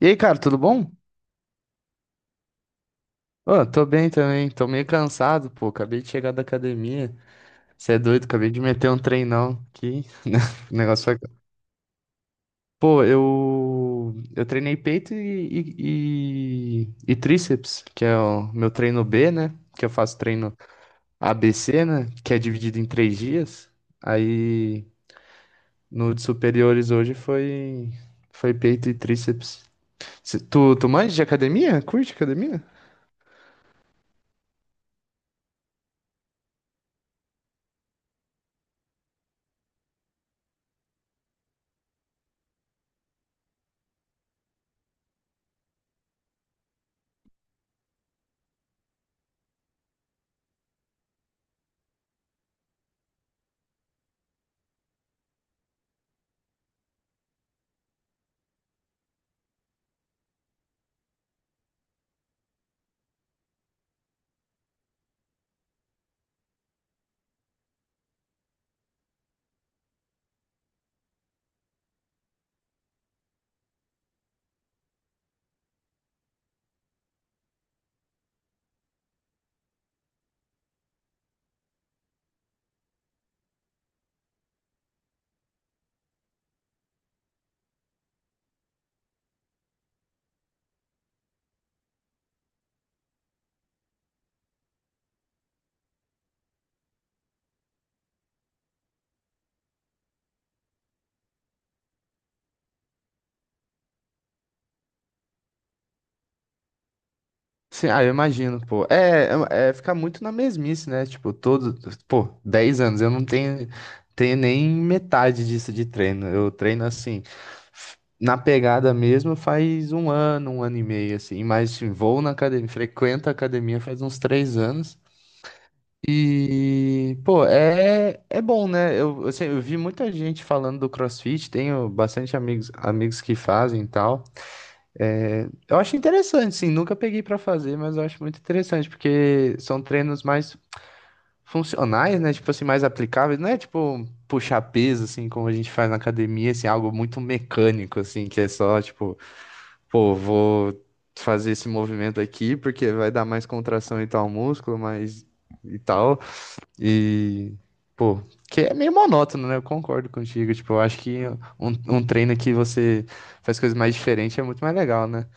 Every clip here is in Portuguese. E aí, cara, tudo bom? Ô, tô bem também, tô meio cansado, pô. Acabei de chegar da academia. Você é doido, acabei de meter um treinão aqui. O negócio foi. Pô, eu. Eu treinei peito e tríceps, que é o meu treino B, né? Que eu faço treino ABC, né? Que é dividido em 3 dias. Aí no de superiores hoje foi. Foi peito e tríceps. Tu manja de academia? Curte academia? Sim, ah, eu imagino, pô. É ficar muito na mesmice, né? Tipo, todo, pô, 10 anos, eu não tenho nem metade disso de treino. Eu treino assim, na pegada mesmo faz um ano e meio, assim. Mas assim, vou na academia, frequento a academia faz uns 3 anos. E, pô, é bom, né? Eu, assim, eu vi muita gente falando do CrossFit, tenho bastante amigos que fazem e tal. É, eu acho interessante, sim. Nunca peguei pra fazer, mas eu acho muito interessante, porque são treinos mais funcionais, né? Tipo assim, mais aplicáveis. Não é tipo puxar peso, assim, como a gente faz na academia, assim, algo muito mecânico, assim, que é só tipo, pô, vou fazer esse movimento aqui porque vai dar mais contração em tal músculo, mas e tal. E, pô, que é meio monótono, né? Eu concordo contigo. Tipo, eu acho que um treino que você faz coisas mais diferentes é muito mais legal, né?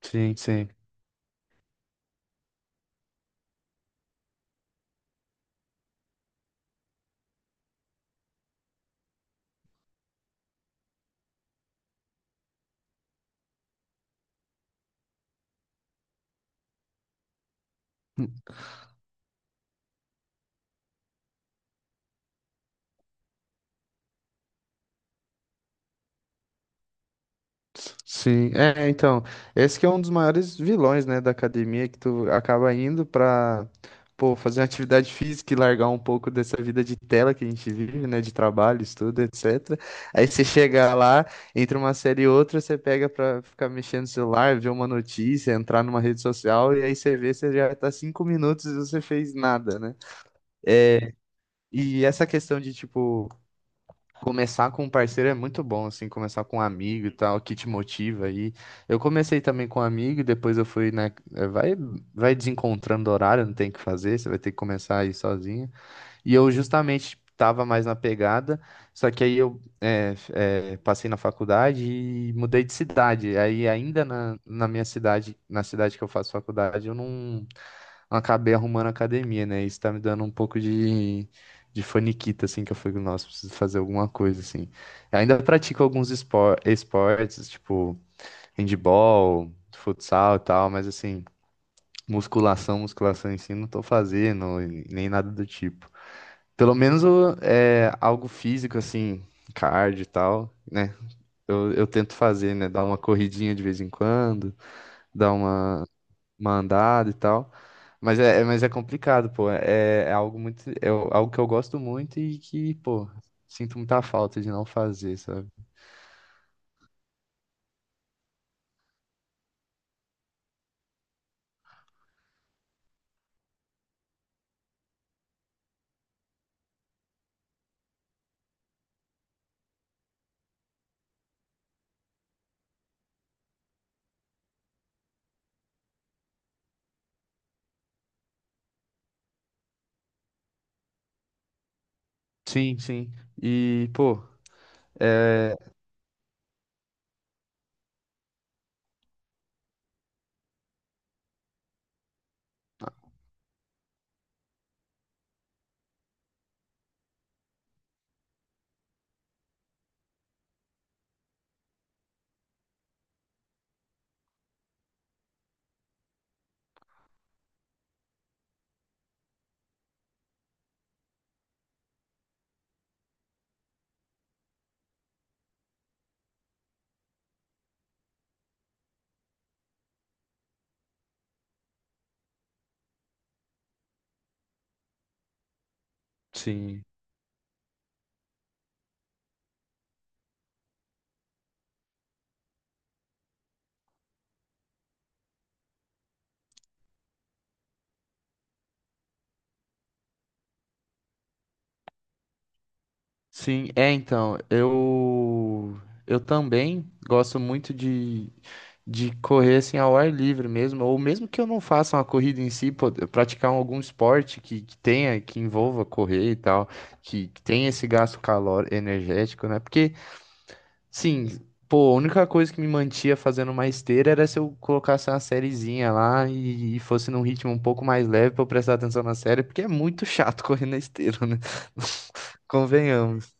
Sim, sim. Sim, é, então, esse que é um dos maiores vilões, né, da academia, que tu acaba indo pra, pô, fazer uma atividade física e largar um pouco dessa vida de tela que a gente vive, né, de trabalho, estudo, etc. Aí você chega lá, entre uma série e outra, você pega pra ficar mexendo no celular, ver uma notícia, entrar numa rede social, e aí você vê, você já tá 5 minutos e você fez nada, né? E essa questão de, tipo, começar com um parceiro é muito bom, assim, começar com um amigo e tal, que te motiva aí. Eu comecei também com um amigo, e depois eu fui, né? Vai desencontrando horário, não tem o que fazer, você vai ter que começar aí sozinho. E eu justamente estava mais na pegada, só que aí eu passei na faculdade e mudei de cidade. Aí ainda na minha cidade, na cidade que eu faço faculdade, eu não acabei arrumando academia, né? Isso tá me dando um pouco de faniquita, assim, que eu fui nossa, preciso fazer alguma coisa, assim. Ainda pratico alguns esportes, tipo handball, futsal e tal, mas assim, musculação em si, não tô fazendo, e nem nada do tipo. Pelo menos é algo físico, assim, cardio e tal, né? Eu tento fazer, né? Dar uma corridinha de vez em quando, dar uma andada e tal. Mas é complicado, pô. É algo que eu gosto muito e que, pô, sinto muita falta de não fazer, sabe? Sim, sim. E, pô, é, sim. Sim, é então, eu também gosto muito de correr assim ao ar livre mesmo, ou mesmo que eu não faça uma corrida em si, pô, eu praticar algum esporte que envolva correr e tal, que tenha esse gasto calor energético, né? Porque, sim, pô, a única coisa que me mantinha fazendo uma esteira era se eu colocasse uma sériezinha lá e fosse num ritmo um pouco mais leve pra eu prestar atenção na série, porque é muito chato correr na esteira, né? Convenhamos.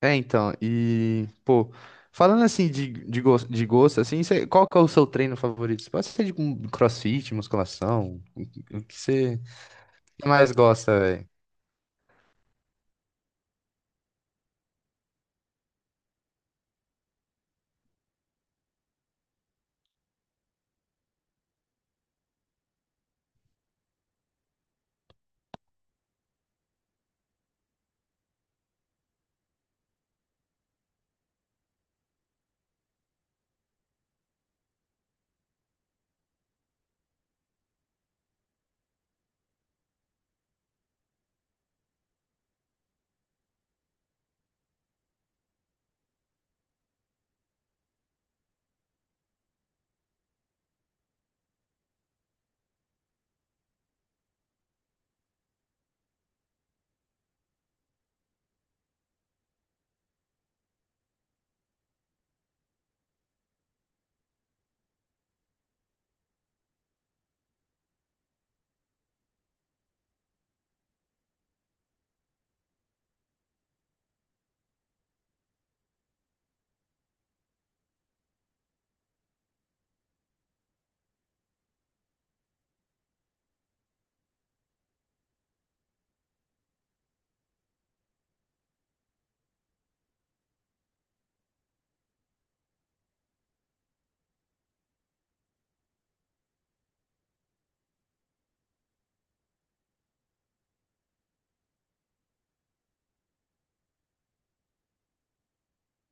É, então, e, pô, falando assim de gosto, assim, qual que é o seu treino favorito? Pode ser de um crossfit, musculação, o que você mais gosta, velho?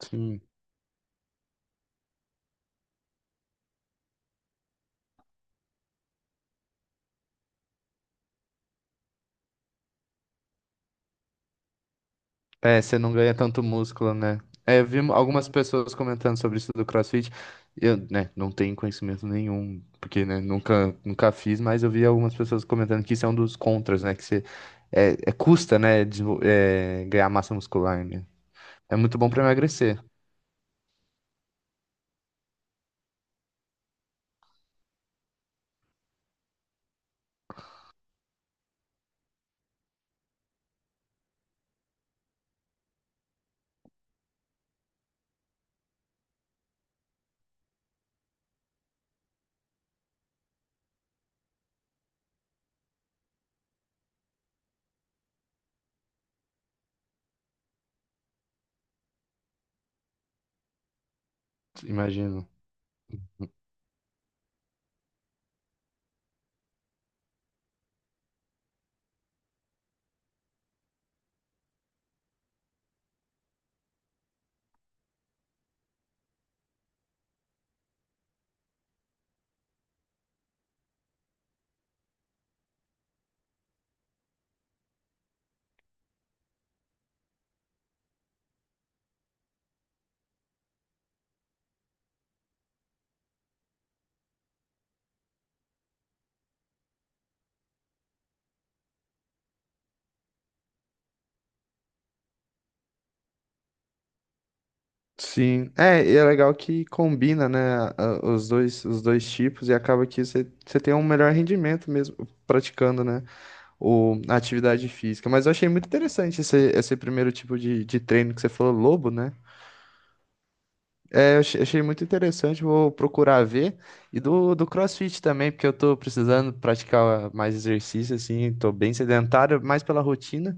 Sim. É, você não ganha tanto músculo, né? É, eu vi algumas pessoas comentando sobre isso do CrossFit. Eu, né, não tenho conhecimento nenhum, porque, né, nunca fiz, mas eu vi algumas pessoas comentando que isso é um dos contras, né? Que você custa, né, ganhar massa muscular, né? É muito bom pra emagrecer, imagino. Sim, é, e é legal que combina, né, os dois tipos e acaba que você tem um melhor rendimento mesmo praticando, né, a atividade física. Mas eu achei muito interessante esse primeiro tipo de treino que você falou, lobo, né? É, eu achei muito interessante, vou procurar ver. E do CrossFit também, porque eu tô precisando praticar mais exercício, assim, tô bem sedentário, mais pela rotina.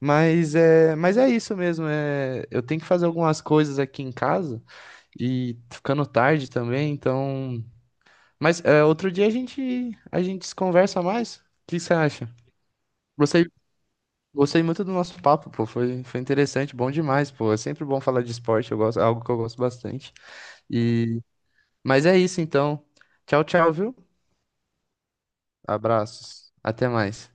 Mas é isso mesmo, é, eu tenho que fazer algumas coisas aqui em casa. E tá ficando tarde também, então. Mas é, outro dia a gente se conversa mais. O que você acha? Gostei, gostei muito do nosso papo, pô. Foi interessante, bom demais, pô. É sempre bom falar de esporte, eu gosto, é algo que eu gosto bastante. E mas é isso então. Tchau, tchau, viu? Abraços. Até mais.